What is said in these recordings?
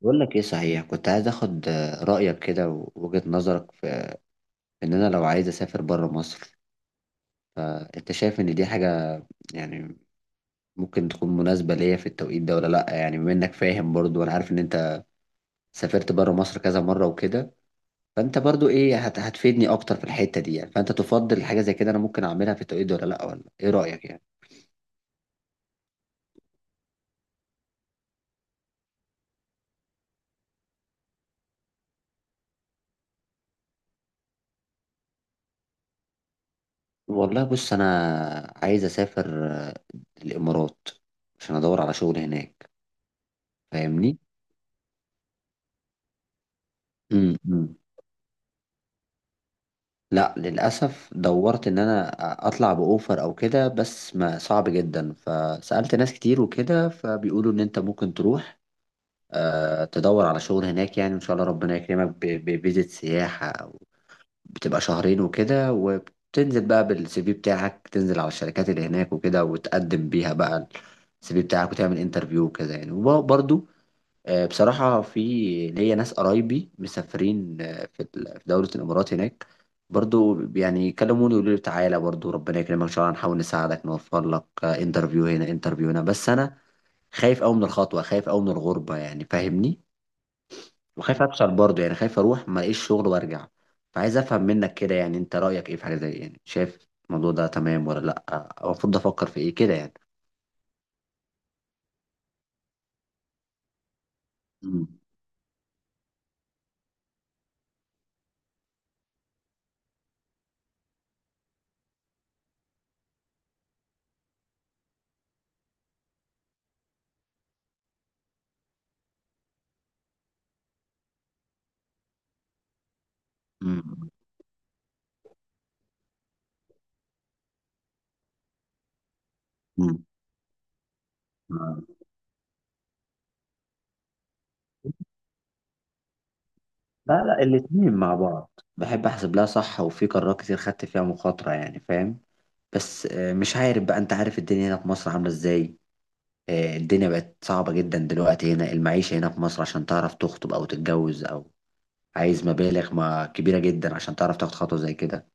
بقول لك ايه صحيح، كنت عايز اخد رايك كده ووجهة نظرك في ان انا لو عايز اسافر بره مصر. انت شايف ان دي حاجه يعني ممكن تكون مناسبه ليا في التوقيت ده ولا لا؟ يعني بما انك فاهم برضو وانا عارف ان انت سافرت بره مصر كذا مره وكده، فانت برضو ايه، هتفيدني اكتر في الحته دي يعني. فانت تفضل حاجه زي كده انا ممكن اعملها في التوقيت ده ولا لا، ولا ايه رايك يعني؟ والله بص، انا عايز اسافر الامارات عشان ادور على شغل هناك، فاهمني. امم لا، للأسف دورت إن أنا أطلع بأوفر أو كده بس ما صعب جدا، فسألت ناس كتير وكده فبيقولوا إن أنت ممكن تروح تدور على شغل هناك يعني، إن شاء الله ربنا يكرمك بفيزة سياحة أو بتبقى شهرين وكده، وبتنزل بقى بالسي في بتاعك، تنزل على الشركات اللي هناك وكده وتقدم بيها بقى السي في بتاعك وتعمل انترفيو وكده يعني. وبرضه بصراحة في ليا ناس قرايبي مسافرين في في دولة الإمارات هناك، برضو يعني كلموني يقولوا لي تعالى برضو ربنا يكرمك إن شاء الله، هنحاول نساعدك نوفر لك انترفيو هنا انترفيو هنا. بس أنا خايف أوي من الخطوة، خايف أوي من الغربة يعني فاهمني، وخايف أفشل برضو يعني، خايف أروح ما ألاقيش شغل وأرجع. فعايز أفهم منك كده يعني، أنت رأيك إيه في حاجة زي يعني، شايف الموضوع ده تمام ولا لأ؟ أو المفروض أفكر في إيه كده يعني؟ مم. مم. مم. لا لا، الاتنين مع بعض، بحب احسب لها صح وفي قرارات كتير خدت فيها مخاطرة يعني فاهم. بس مش عارف بقى، انت عارف الدنيا هنا في مصر عاملة ازاي، الدنيا بقت صعبة جدا دلوقتي، هنا المعيشة هنا في مصر عشان تعرف تخطب او تتجوز او عايز مبالغ ما كبيرة جدا عشان تعرف تاخد خطوة زي كده.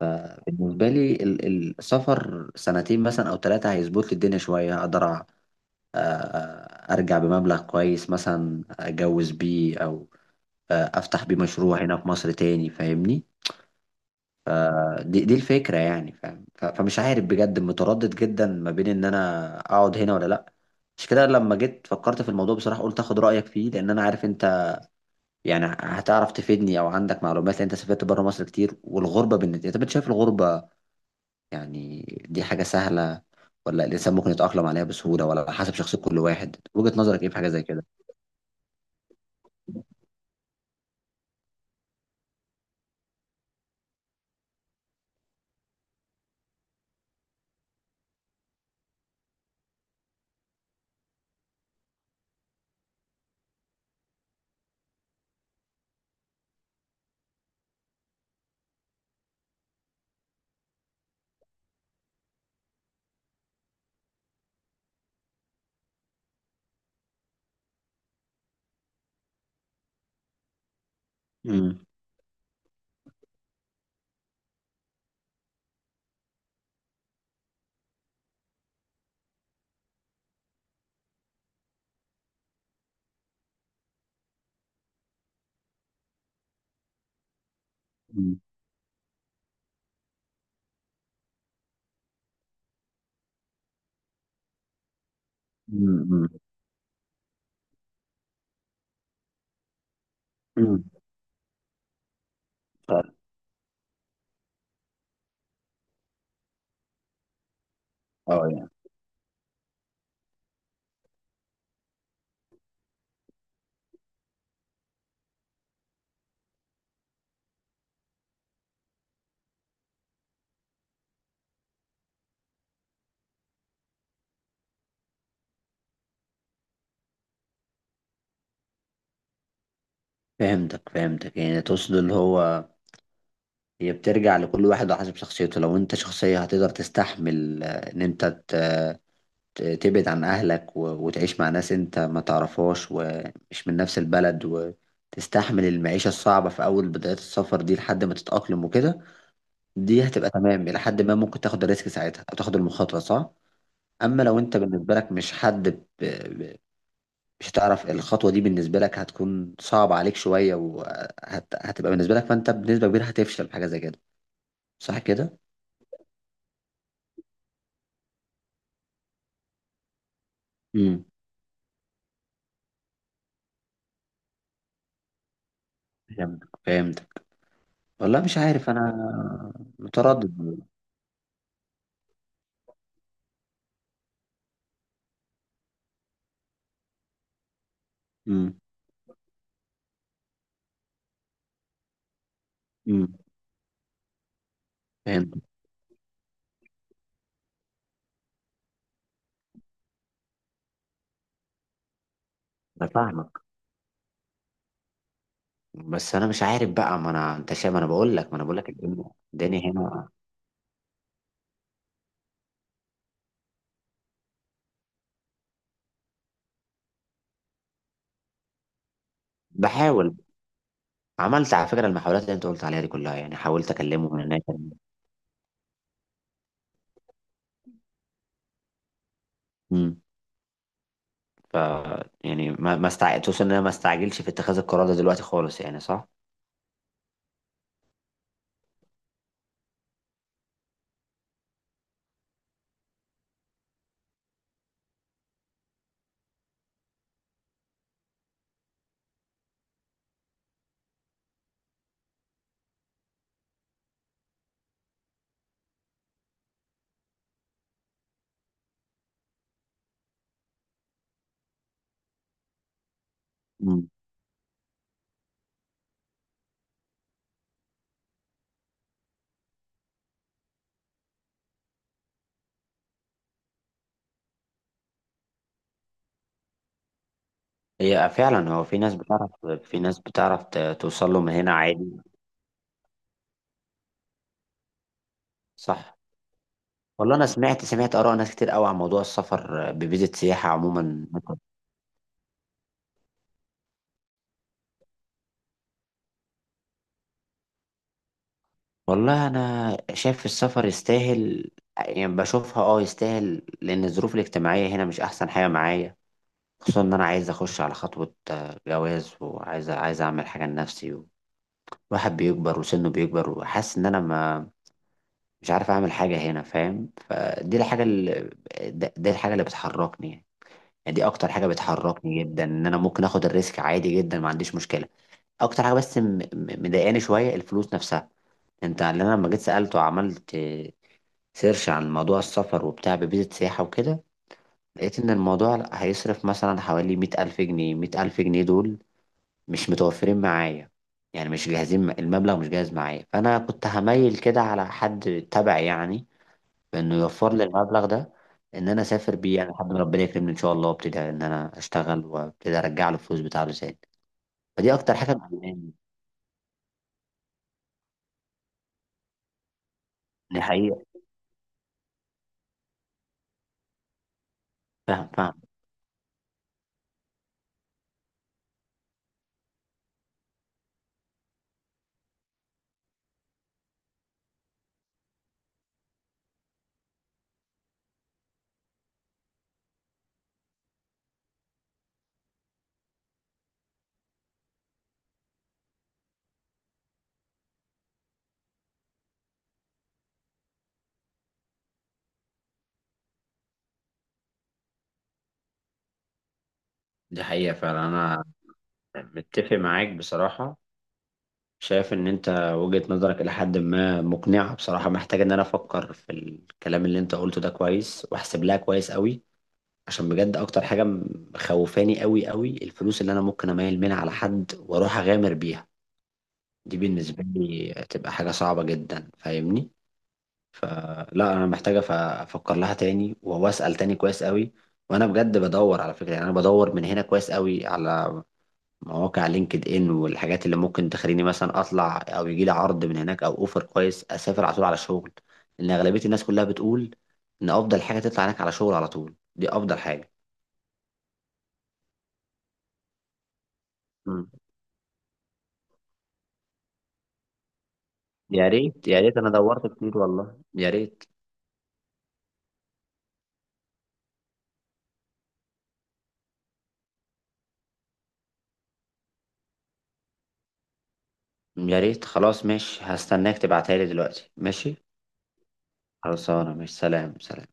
فبالنسبة لي السفر سنتين مثلا او ثلاثة هيظبط لي الدنيا شوية، اقدر ارجع بمبلغ كويس مثلا اتجوز بيه او افتح بيه مشروع هنا في مصر تاني فاهمني. دي الفكرة يعني فاهم، فمش عارف بجد، متردد جدا ما بين ان انا اقعد هنا ولا لا. مش كده، لما جيت فكرت في الموضوع بصراحة قلت اخد رأيك فيه لان انا عارف انت يعني هتعرف تفيدني او عندك معلومات، لان انت سافرت بره مصر كتير. والغربة بالنسبة انت، بتشايف الغربة يعني دي حاجة سهلة ولا الانسان ممكن يتأقلم عليها بسهولة، ولا على حسب شخصية كل واحد؟ وجهة نظرك ايه في حاجة زي كده؟ امم. امم. امم. امم. اه يعني. فهمتك فهمتك، يعني تقصد اللي هو هي بترجع لكل واحد وحسب شخصيته، لو انت شخصية هتقدر تستحمل ان انت تبعد عن اهلك وتعيش مع ناس انت ما تعرفهاش ومش من نفس البلد، وتستحمل المعيشة الصعبة في اول بداية السفر دي لحد ما تتأقلم وكده، دي هتبقى تمام الى حد ما، ممكن تاخد الريسك ساعتها او تاخد المخاطرة صح. اما لو انت بالنسبة لك مش حد مش هتعرف الخطوة دي، بالنسبة لك هتكون صعبة عليك شوية وهتبقى بالنسبة لك، فانت بنسبة كبيرة هتفشل في حاجة زي كده. صح كده؟ مم. فهمتك فهمتك. والله مش عارف انا، متردد. امم. امم. فهمت. انا فاهمك، بس انا مش عارف بقى، ما انا انت شايف، ما انا بقول لك، ما انا بقول لك الدنيا، الدنيا هنا. بحاول، عملت على فكره المحاولات اللي انت قلت عليها دي كلها يعني، حاولت اكلمه من هناك. امم. ف يعني ما ما استع... توصل ان انا ما استعجلش في اتخاذ القرار ده دلوقتي خالص يعني صح. امم. هي فعلا هو في ناس بتعرف، في ناس بتعرف توصل له من هنا عادي. صح. والله انا سمعت سمعت اراء ناس كتير قوي عن موضوع السفر بفيزة سياحة عموما. والله انا شايف السفر يستاهل، يعني بشوفها اه يستاهل لان الظروف الاجتماعية هنا مش احسن حاجة معايا، خصوصا ان انا عايز اخش على خطوة جواز وعايز عايز اعمل حاجة لنفسي، واحد بيكبر وسنه بيكبر وحاسس ان انا ما، مش عارف اعمل حاجة هنا فاهم. فدي الحاجة اللي، دي الحاجة اللي بتحركني يعني، دي اكتر حاجة بتحركني جدا، ان انا ممكن اخد الريسك عادي جدا ما عنديش مشكلة. اكتر حاجه بس مضايقاني شويه الفلوس نفسها. انت اللي انا لما جيت سالته وعملت سيرش عن موضوع السفر وبتاع بفيزا سياحه وكده، لقيت ان الموضوع هيصرف مثلا حوالي 100,000 جنيه. 100,000 جنيه دول مش متوفرين معايا، يعني مش جاهزين، المبلغ مش جاهز معايا. فانا كنت هميل كده على حد تبعي يعني، بانه يوفر لي المبلغ ده ان انا اسافر بيه، يعني لحد ما ربنا يكرمني ان شاء الله وابتدي ان انا اشتغل وابتدي ارجع له الفلوس بتاعته تاني. فدي اكتر حاجه مضايقاني. دي حقيقه. فاهم فاهم. دي حقيقة فعلا، أنا متفق معاك بصراحة. شايف إن أنت وجهة نظرك إلى حد ما مقنعة بصراحة، محتاج إن أنا أفكر في الكلام اللي أنت قلته ده كويس، وأحسب لها كويس أوي، عشان بجد أكتر حاجة مخوفاني أوي أوي الفلوس اللي أنا ممكن أميل منها على حد وأروح أغامر بيها، دي بالنسبة لي تبقى حاجة صعبة جدا فاهمني؟ فلا، أنا محتاجة أفكر لها تاني وأسأل تاني كويس أوي. وانا بجد بدور على فكره، يعني انا بدور من هنا كويس قوي على مواقع لينكد ان والحاجات اللي ممكن تخليني مثلا اطلع او يجي لي عرض من هناك او اوفر كويس، اسافر على طول على شغل، لان اغلبيه الناس كلها بتقول ان افضل حاجه تطلع هناك على شغل على طول، دي افضل حاجه. مم. يا ريت يا ريت، انا دورت كتير والله، يا ريت. يا ريت، خلاص ماشي، هستناك تبعتها لي دلوقتي ماشي. خلاص انا ماشي، سلام سلام.